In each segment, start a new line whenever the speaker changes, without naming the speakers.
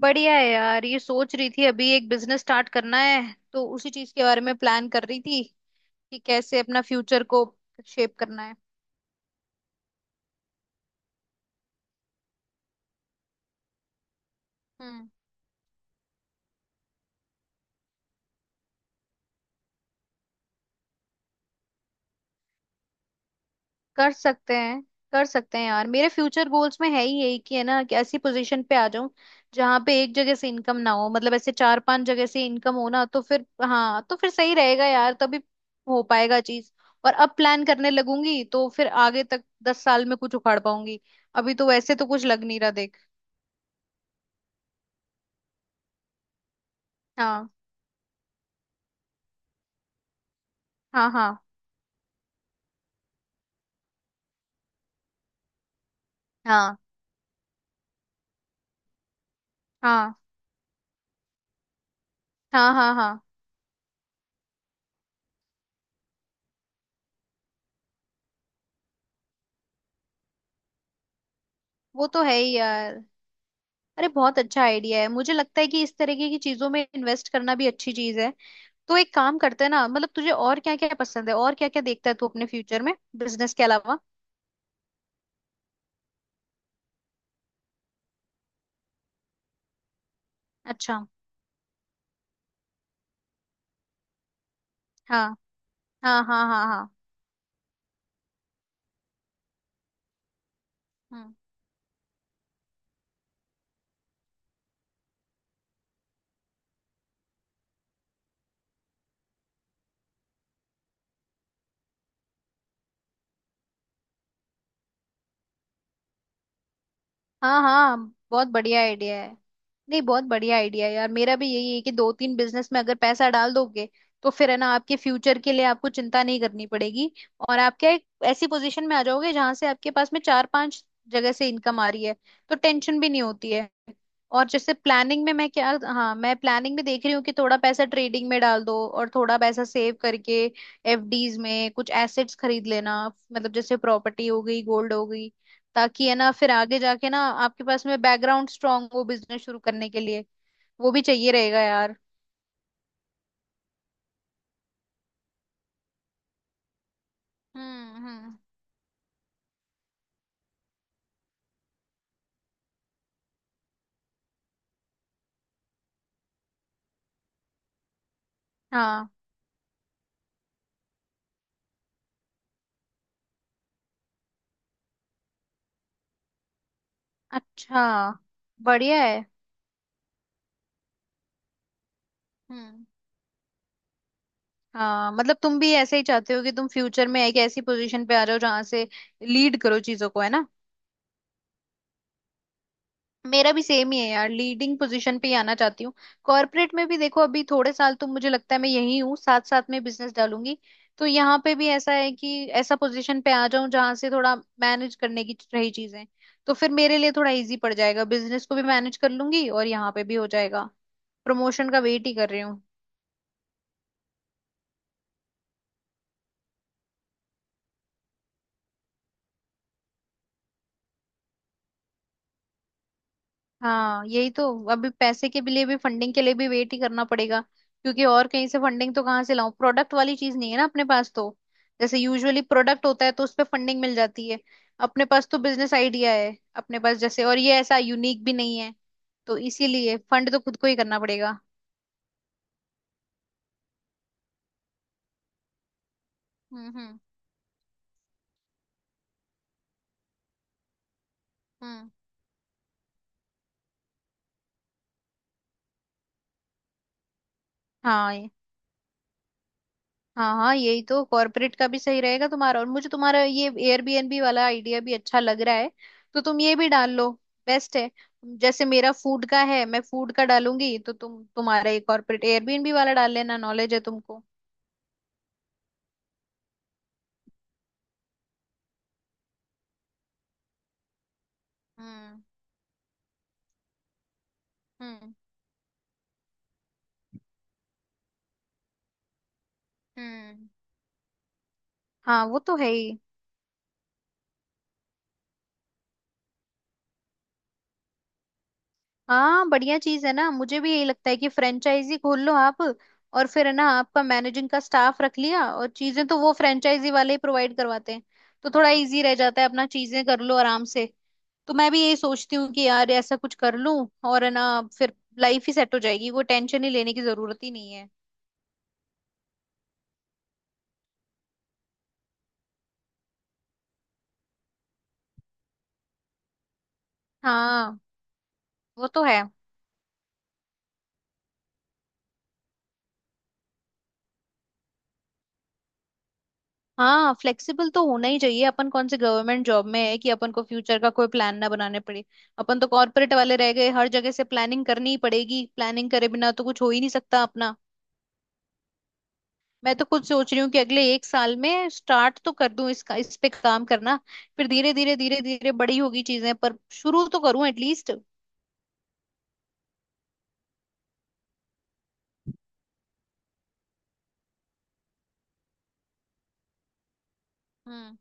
बढ़िया है यार। ये सोच रही थी अभी एक बिजनेस स्टार्ट करना है तो उसी चीज के बारे में प्लान कर रही थी कि कैसे अपना फ्यूचर को शेप करना है। हम्म। कर सकते हैं। कर सकते हैं यार, मेरे फ्यूचर गोल्स में है ही यही कि है ना कि ऐसी पोजीशन पे आ जाऊं जहां पे एक जगह से इनकम ना हो, मतलब ऐसे चार पांच जगह से इनकम हो ना, तो फिर हाँ तो फिर सही रहेगा यार, तभी हो पाएगा चीज। और अब प्लान करने लगूंगी तो फिर आगे तक 10 साल में कुछ उखाड़ पाऊंगी। अभी तो वैसे तो कुछ लग नहीं रहा देख। हाँ, हाँ, हाँ, हाँ, हाँ, हाँ, हाँ, हाँ। वो तो है ही यार। अरे बहुत अच्छा आइडिया है, मुझे लगता है कि इस तरीके की चीजों में इन्वेस्ट करना भी अच्छी चीज है। तो एक काम करते हैं ना, मतलब तुझे और क्या क्या पसंद है और क्या क्या देखता है तू अपने फ्यूचर में बिजनेस के अलावा। अच्छा। हाँ, हाँ, हाँ, हाँ, हाँ। हम्म। हाँ, हाँ। बहुत बढ़िया आइडिया है। नहीं, बहुत बढ़िया आइडिया है यार, मेरा भी यही है कि दो तीन बिजनेस में अगर पैसा डाल दोगे तो फिर है ना, आपके फ्यूचर के लिए आपको चिंता नहीं करनी पड़ेगी। और आप क्या, एक ऐसी पोजीशन में आ जाओगे जहां से आपके पास में चार पांच जगह से इनकम आ रही है, तो टेंशन भी नहीं होती है। और जैसे प्लानिंग में मैं क्या हाँ, मैं प्लानिंग में देख रही हूँ कि थोड़ा पैसा ट्रेडिंग में डाल दो और थोड़ा पैसा सेव करके एफडीज में कुछ एसेट्स खरीद लेना, मतलब जैसे प्रॉपर्टी हो गई, गोल्ड हो गई, ताकि है ना, फिर आगे जाके ना आपके पास में बैकग्राउंड स्ट्रांग हो बिजनेस शुरू करने के लिए, वो भी चाहिए रहेगा यार। हम्म। हम्म। हाँ। अच्छा। बढ़िया है। हम्म। हाँ, मतलब तुम भी ऐसे ही चाहते हो कि तुम फ्यूचर में एक ऐसी पोजीशन पे आ जाओ जहां से लीड करो चीजों को, है ना। मेरा भी सेम ही है यार, लीडिंग पोजीशन पे ही आना चाहती हूँ। कॉर्पोरेट में भी देखो, अभी थोड़े साल तो मुझे लगता है मैं यही हूँ, साथ साथ में बिजनेस डालूंगी। तो यहाँ पे भी ऐसा है कि ऐसा पोजीशन पे आ जाऊं जहाँ से थोड़ा मैनेज करने की रही चीजें, तो फिर मेरे लिए थोड़ा इजी पड़ जाएगा, बिजनेस को भी मैनेज कर लूंगी और यहाँ पे भी हो जाएगा। प्रमोशन का वेट ही कर रही। हाँ, यही तो। अभी पैसे के लिए भी, फंडिंग के लिए भी वेट ही करना पड़ेगा, क्योंकि और कहीं से फंडिंग तो कहाँ से लाऊं, प्रोडक्ट वाली चीज नहीं है ना अपने पास, तो जैसे यूजुअली प्रोडक्ट होता है तो उस पे फंडिंग मिल जाती है। अपने पास तो बिजनेस आइडिया है, अपने पास जैसे, और ये ऐसा यूनिक भी नहीं है, तो इसीलिए फंड तो खुद को ही करना पड़ेगा। हम्म। हम्म। हम्म। हाँ, हाँ, हाँ, यही तो। कॉर्पोरेट का भी सही रहेगा तुम्हारा, और मुझे तुम्हारा ये एयरबीएनबी वाला आइडिया भी अच्छा लग रहा है, तो तुम ये भी डाल लो। बेस्ट है। जैसे मेरा फूड का है, मैं फूड का डालूंगी, तो तुम तुम्हारा ये कॉर्पोरेट एयरबीएनबी वाला डाल लेना, नॉलेज है तुमको। हम्म। हम्म। हम्म। हाँ, वो तो है ही। हाँ, बढ़िया चीज है ना, मुझे भी यही लगता है कि फ्रेंचाइजी खोल लो आप, और फिर है ना, आपका मैनेजिंग का स्टाफ रख लिया और चीजें तो वो फ्रेंचाइजी वाले ही प्रोवाइड करवाते हैं, तो थोड़ा इजी रह जाता है, अपना चीजें कर लो आराम से। तो मैं भी यही सोचती हूँ कि यार ऐसा कुछ कर लूं, और है ना, फिर लाइफ ही सेट हो जाएगी, कोई टेंशन ही लेने की जरूरत ही नहीं है। हाँ, वो तो है। हाँ, फ्लेक्सिबल तो होना ही चाहिए, अपन कौन से गवर्नमेंट जॉब में है कि अपन को फ्यूचर का कोई प्लान ना बनाने पड़े। अपन तो कॉर्पोरेट वाले रह गए, हर जगह से प्लानिंग करनी ही पड़ेगी, प्लानिंग करे बिना तो कुछ हो ही नहीं सकता अपना। मैं तो खुद सोच रही हूँ कि अगले एक साल में स्टार्ट तो कर दूं इसका, इस पे काम करना। फिर धीरे धीरे धीरे धीरे बड़ी होगी चीजें, पर शुरू तो करूं एटलीस्ट। हम्म।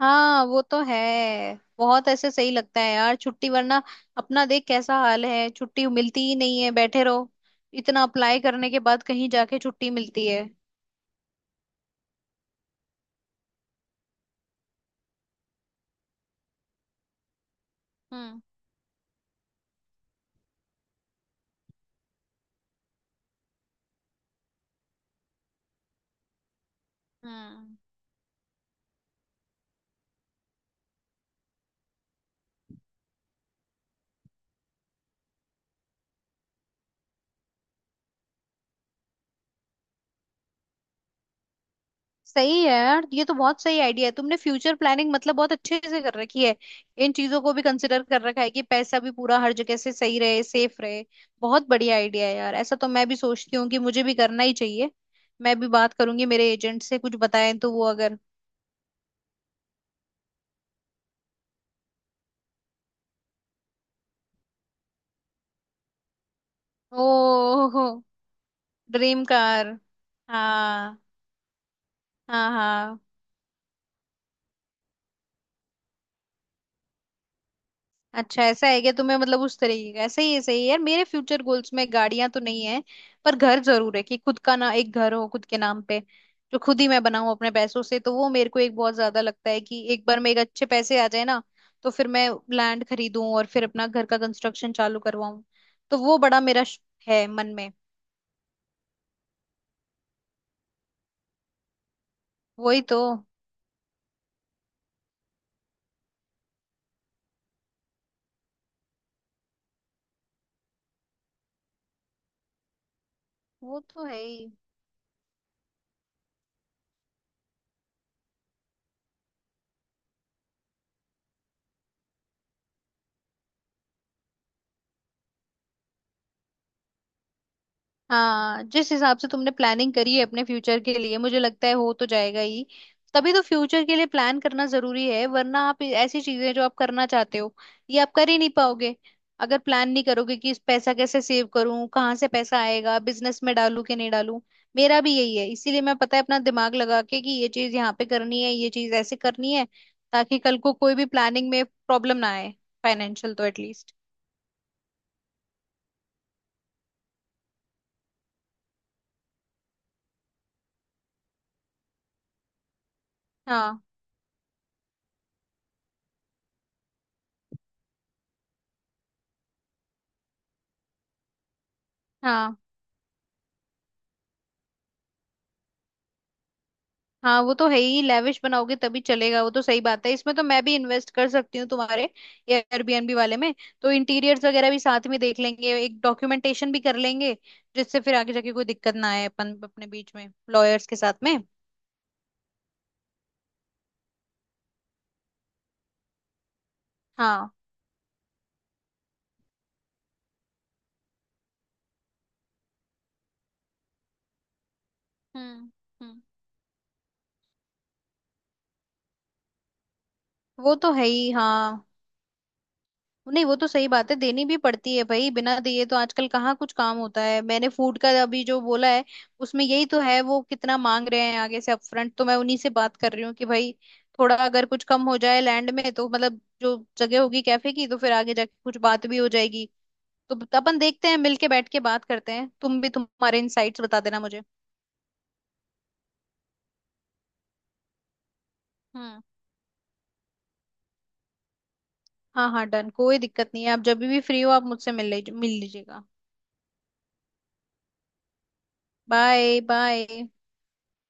हाँ, वो तो है। बहुत ऐसे सही लगता है यार छुट्टी, वरना अपना देख कैसा हाल है, छुट्टी मिलती ही नहीं है, बैठे रहो, इतना अप्लाई करने के बाद कहीं जाके छुट्टी मिलती है। हम्म। हम्म। सही है यार, ये तो बहुत सही आइडिया है, तुमने फ्यूचर प्लानिंग मतलब बहुत अच्छे से कर रखी है, इन चीजों को भी कंसिडर कर रखा है कि पैसा भी पूरा हर जगह से सही रहे, सेफ रहे। बहुत बढ़िया आइडिया है यार, ऐसा तो मैं भी सोचती हूँ कि मुझे भी करना ही चाहिए, मैं भी बात करूंगी मेरे एजेंट से, कुछ बताएं तो वो अगर। ओ, ड्रीम कार। हाँ, हाँ, हाँ। अच्छा, ऐसा है क्या, तुम्हें मतलब उस तरीके का ऐसा ही है, सही है यार। मेरे फ्यूचर गोल्स में गाड़ियां तो नहीं है, पर घर जरूर है कि खुद का ना, एक घर हो खुद के नाम पे, जो खुद ही मैं बनाऊं अपने पैसों से, तो वो मेरे को एक बहुत ज्यादा लगता है कि एक बार मेरे अच्छे पैसे आ जाए ना, तो फिर मैं लैंड खरीदूं और फिर अपना घर का कंस्ट्रक्शन चालू करवाऊं। तो वो बड़ा मेरा है मन में। वही तो। वो तो है ही। हाँ, जिस हिसाब से तुमने प्लानिंग करी है अपने फ्यूचर के लिए, मुझे लगता है हो तो जाएगा ही। तभी तो फ्यूचर के लिए प्लान करना जरूरी है, वरना आप ऐसी चीजें जो आप करना चाहते हो, ये आप कर ही नहीं पाओगे अगर प्लान नहीं करोगे कि इस पैसा कैसे सेव करूं, कहाँ से पैसा आएगा, बिजनेस में डालूं कि नहीं डालूं। मेरा भी यही है, इसीलिए मैं पता है अपना दिमाग लगा के कि ये चीज यहाँ पे करनी है, ये चीज ऐसे करनी है, ताकि कल को कोई भी प्लानिंग में प्रॉब्लम ना आए, फाइनेंशियल तो एटलीस्ट। हाँ, हाँ। हाँ, वो तो है ही, लेविश बनाओगे तभी चलेगा, वो तो सही बात है, इसमें तो मैं भी इन्वेस्ट कर सकती हूँ तुम्हारे एयरबीएनबी वाले में। तो इंटीरियर्स वगैरह भी साथ में देख लेंगे, एक डॉक्यूमेंटेशन भी कर लेंगे, जिससे फिर आगे जाके कोई दिक्कत ना आए अपन अपने बीच में लॉयर्स के साथ में। हाँ। हम्म। हम्म। वो तो है ही। हाँ, नहीं, वो तो सही बात है, देनी भी पड़ती है भाई, बिना दिए तो आजकल कहाँ कुछ काम होता है, मैंने फूड का अभी जो बोला है उसमें यही तो है, वो कितना मांग रहे हैं आगे से अपफ्रंट, तो मैं उन्हीं से बात कर रही हूँ कि भाई थोड़ा अगर कुछ कम हो जाए लैंड में तो, मतलब जो जगह होगी कैफे की, तो फिर आगे जाके कुछ बात भी हो जाएगी। तो अपन देखते हैं, मिलके बैठ के बात करते हैं, तुम भी तुम्हारे इनसाइट्स बता देना मुझे। हम्म। हाँ, हाँ, डन, कोई दिक्कत नहीं है, आप जब भी फ्री हो आप मुझसे मिल लीजिए, मिल लीजिएगा। Bye, bye.